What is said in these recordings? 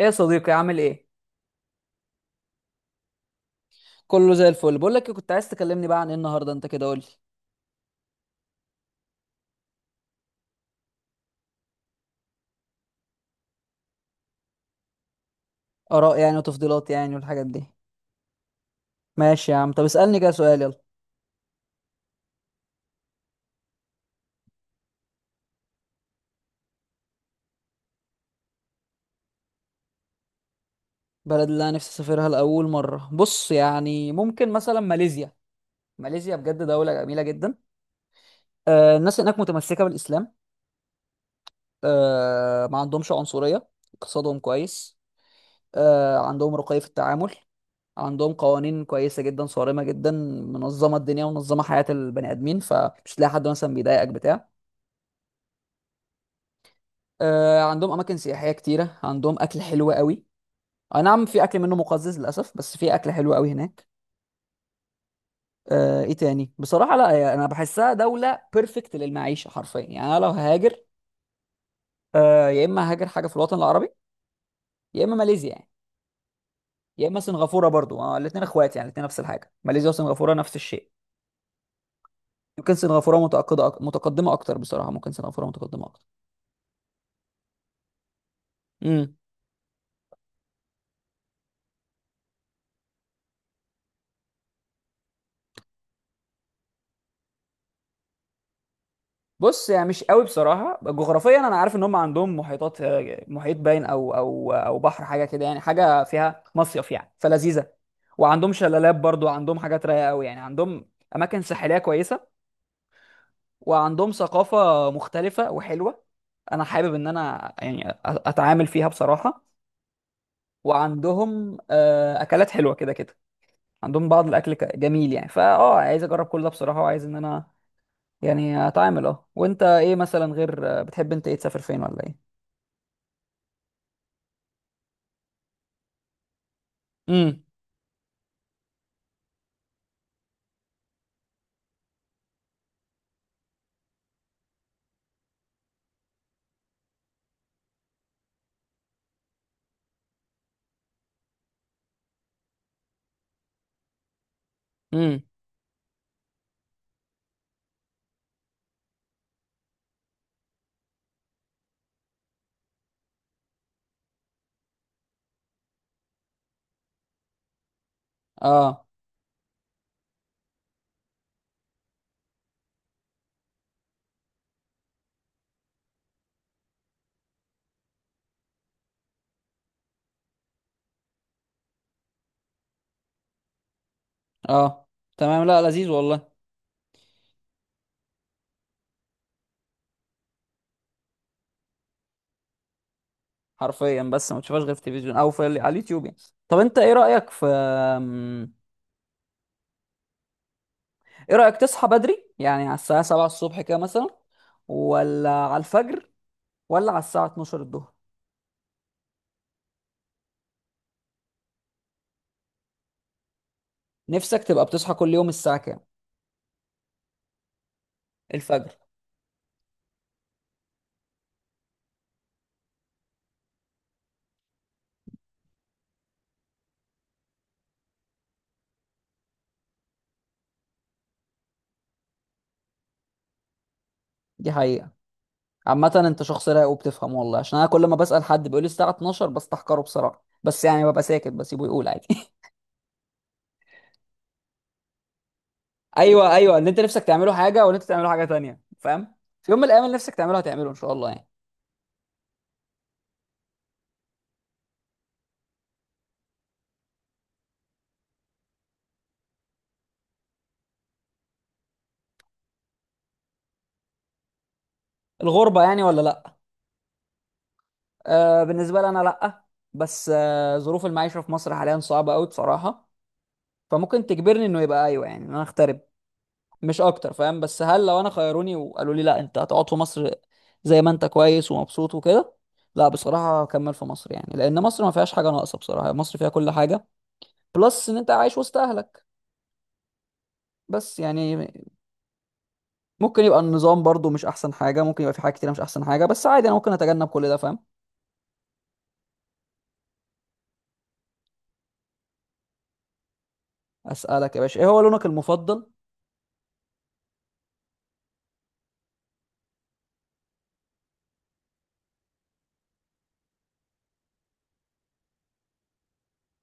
ايه يا صديقي؟ عامل ايه؟ كله زي الفل. بقول لك إيه، كنت عايز تكلمني بقى عن ايه النهارده؟ انت كده قول لي اراء يعني وتفضيلات يعني والحاجات دي. ماشي يا عم، طب اسالني كده سؤال، يلا. بلد اللي انا نفسي اسافرها لاول مره، بص يعني ممكن مثلا ماليزيا. ماليزيا بجد دوله جميله جدا. آه الناس هناك متمسكه بالاسلام. آه ما عندهمش عنصريه. اقتصادهم كويس. آه عندهم رقي في التعامل. عندهم قوانين كويسه جدا، صارمه جدا. منظمه الدنيا ومنظمه حياه البني ادمين، فمش تلاقي حد مثلا بيضايقك بتاع. آه، عندهم اماكن سياحيه كتيره، عندهم اكل حلو قوي. اي نعم في اكل منه مقزز للاسف، بس في اكل حلو قوي هناك. آه، ايه تاني؟ بصراحه لا يعني انا بحسها دوله بيرفكت للمعيشه حرفيا. يعني انا لو هاجر، آه، يا اما هاجر حاجه في الوطن العربي، يا اما ماليزيا يعني، يا اما سنغافوره برضو. آه، الاثنين اخوات يعني، الاثنين نفس الحاجه، ماليزيا وسنغافوره نفس الشيء. يمكن سنغافوره متقدمه متقدمه اكتر بصراحه. ممكن سنغافوره متقدمه اكتر. امم. بص يعني مش قوي بصراحه جغرافيا. انا عارف ان هم عندهم محيطات، آه، محيط باين او بحر حاجه كده يعني، حاجه فيها مصيف يعني فلذيذه. وعندهم شلالات برضو، عندهم حاجات رايقه قوي يعني. عندهم اماكن ساحليه كويسه، وعندهم ثقافه مختلفه وحلوه. انا حابب ان انا يعني اتعامل فيها بصراحه. وعندهم آه، اكلات حلوه كده كده. عندهم بعض الاكل جميل يعني، فاه عايز اجرب كل ده بصراحه، وعايز ان انا يعني اتعامل. اه، وانت ايه مثلا؟ غير بتحب انت، ايه تسافر فين ولا ايه؟ امم. امم. اه. اه. تمام، لا لذيذ والله. حرفيا بس ما تشوفهاش غير في التلفزيون او في على اليوتيوب يعني. طب انت ايه رايك في ايه رايك تصحى بدري يعني على الساعه 7 الصبح كده مثلا، ولا على الفجر، ولا على الساعه 12 الظهر؟ نفسك تبقى بتصحى كل يوم الساعه كام؟ الفجر. دي حقيقه. عامه انت شخص رايق وبتفهم، والله عشان انا كل ما بسال حد بيقول لي الساعه 12، بستحقره بصراحه، بس يعني ببقى ساكت بسيبه يقول عادي. ايوه ايوه، ان انت نفسك تعمله حاجه وان انت تعمله حاجه تانية، فاهم؟ في يوم من الايام اللي نفسك تعمله هتعمله ان شاء الله يعني. الغربه يعني ولا لا؟ آه بالنسبه لي انا لا. بس آه ظروف المعيشه في مصر حاليا صعبه قوي بصراحه، فممكن تجبرني انه يبقى ايوه يعني، ان انا اغترب مش اكتر، فاهم؟ بس هل لو انا خيروني وقالوا لي لا انت هتقعد في مصر زي ما انت كويس ومبسوط وكده؟ لا بصراحه هكمل في مصر يعني، لان مصر ما فيهاش حاجه ناقصه بصراحه، مصر فيها كل حاجه، بلس ان انت عايش وسط اهلك. بس يعني ممكن يبقى النظام برضو مش احسن حاجه، ممكن يبقى في حاجات كتير مش احسن حاجه، بس عادي انا ممكن اتجنب كل ده، فاهم. اسالك يا باشا، ايه هو لونك المفضل؟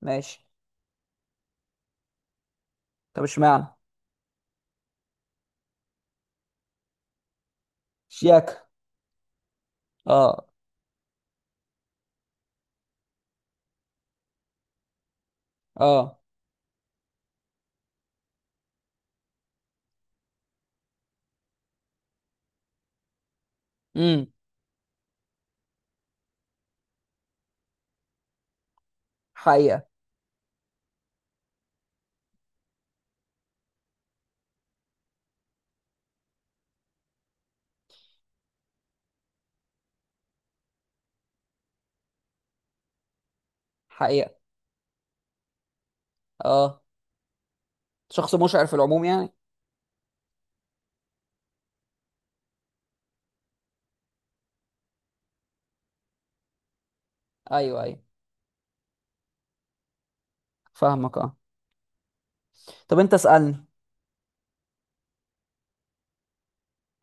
ماشي. طب اشمعنى؟ شياكة. اه. اه. امم. حقيقه. حقيقه. اه، شخص مشعر في العموم يعني. ايوه ايوه، فاهمك اه. طب انت اسالني.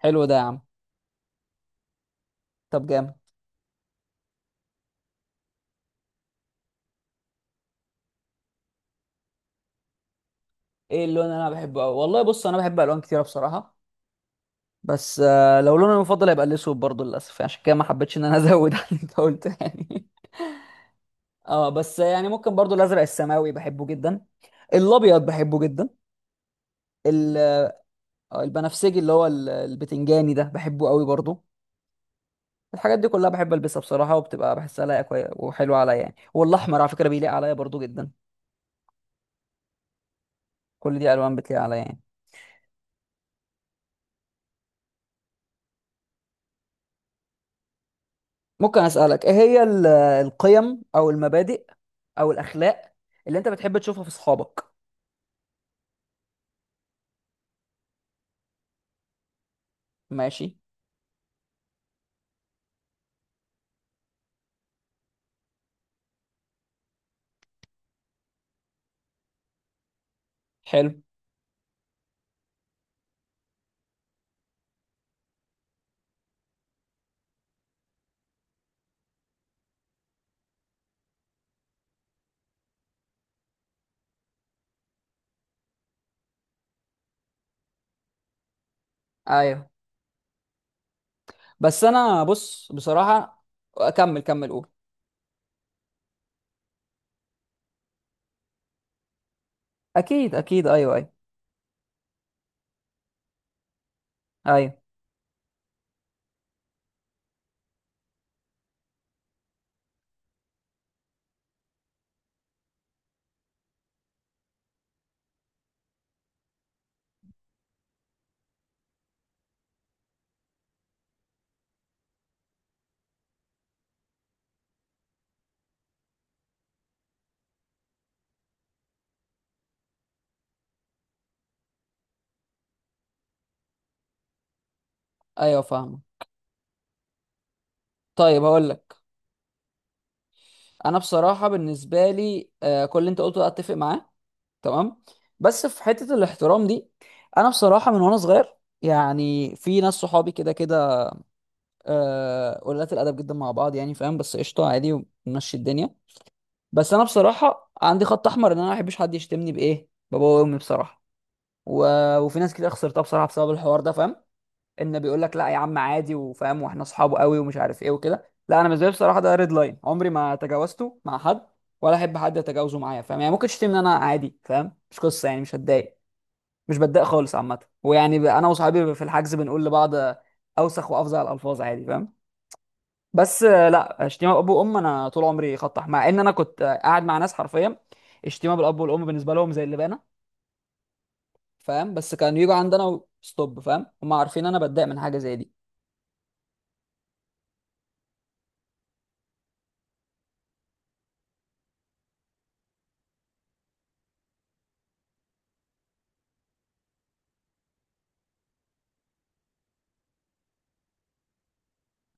حلو ده يا عم. طب جامد. ايه اللون اللي انا بحبه أوي؟ والله بص انا بحب الوان كتيره بصراحه. بس آه لو لوني المفضل هيبقى الاسود برضه، للاسف عشان كده ما حبيتش ان انا ازود عن اللي انت قلته يعني. اه بس يعني ممكن برضو الازرق السماوي بحبه جدا. الابيض بحبه جدا. ال- آه، البنفسجي اللي هو البتنجاني ده بحبه قوي برضو. الحاجات دي كلها بحب البسها بصراحه، وبتبقى بحسها لايقه وحلوه عليا يعني. والاحمر على فكره بيليق عليا برضو جدا. كل دي الوان بتليق عليا يعني. ممكن اسالك ايه هي القيم او المبادئ او الاخلاق اللي انت بتحب تشوفها في اصحابك؟ ماشي. حلو. ايوه. بس انا بص بصراحه. اكمل، كمل قول. اكيد اكيد، ايوه ايوه. ايوه ايوه فاهم. طيب هقول لك، انا بصراحه بالنسبه لي آه، كل اللي انت قلته ده اتفق معاه. تمام. بس في حته الاحترام دي، انا بصراحه من وانا صغير يعني في ناس صحابي كده كده، آه، قلات الادب جدا مع بعض يعني، فاهم؟ بس قشطه عادي ومشي الدنيا. بس انا بصراحه عندي خط احمر ان انا ما احبش حد يشتمني بايه بابا وامي بصراحه. و... وفي ناس كتير خسرتها بصراحه بسبب الحوار ده، فاهم؟ ان بيقول لك لا يا عم عادي وفاهم واحنا اصحابه قوي ومش عارف ايه وكده، لا انا بالنسبه لي بصراحه ده ريد لاين عمري ما تجاوزته مع حد، ولا احب حد يتجاوزه معايا، فاهم؟ يعني ممكن تشتمني ان انا عادي، فاهم؟ مش قصه يعني، مش هتضايق، مش بتضايق خالص عامه. ويعني انا وصحابي في الحجز بنقول لبعض اوسخ وافظع الالفاظ عادي، فاهم؟ بس آه، لا شتيمه اب وام. انا طول عمري خطح، مع ان انا كنت آه، قاعد مع ناس حرفيا الشتيمه بالاب والام بالنسبه لهم زي اللبانه، فاهم؟ بس كانوا يجوا عندنا ستوب، فاهم. هم عارفين انا بتضايق من حاجه زي دي.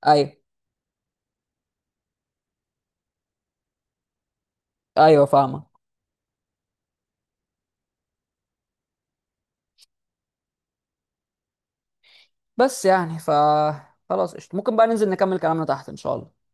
ايوه ايوه فاهمك. بس يعني ف، خلاص قشطة، ممكن بقى ننزل نكمل كلامنا تحت ان شاء الله.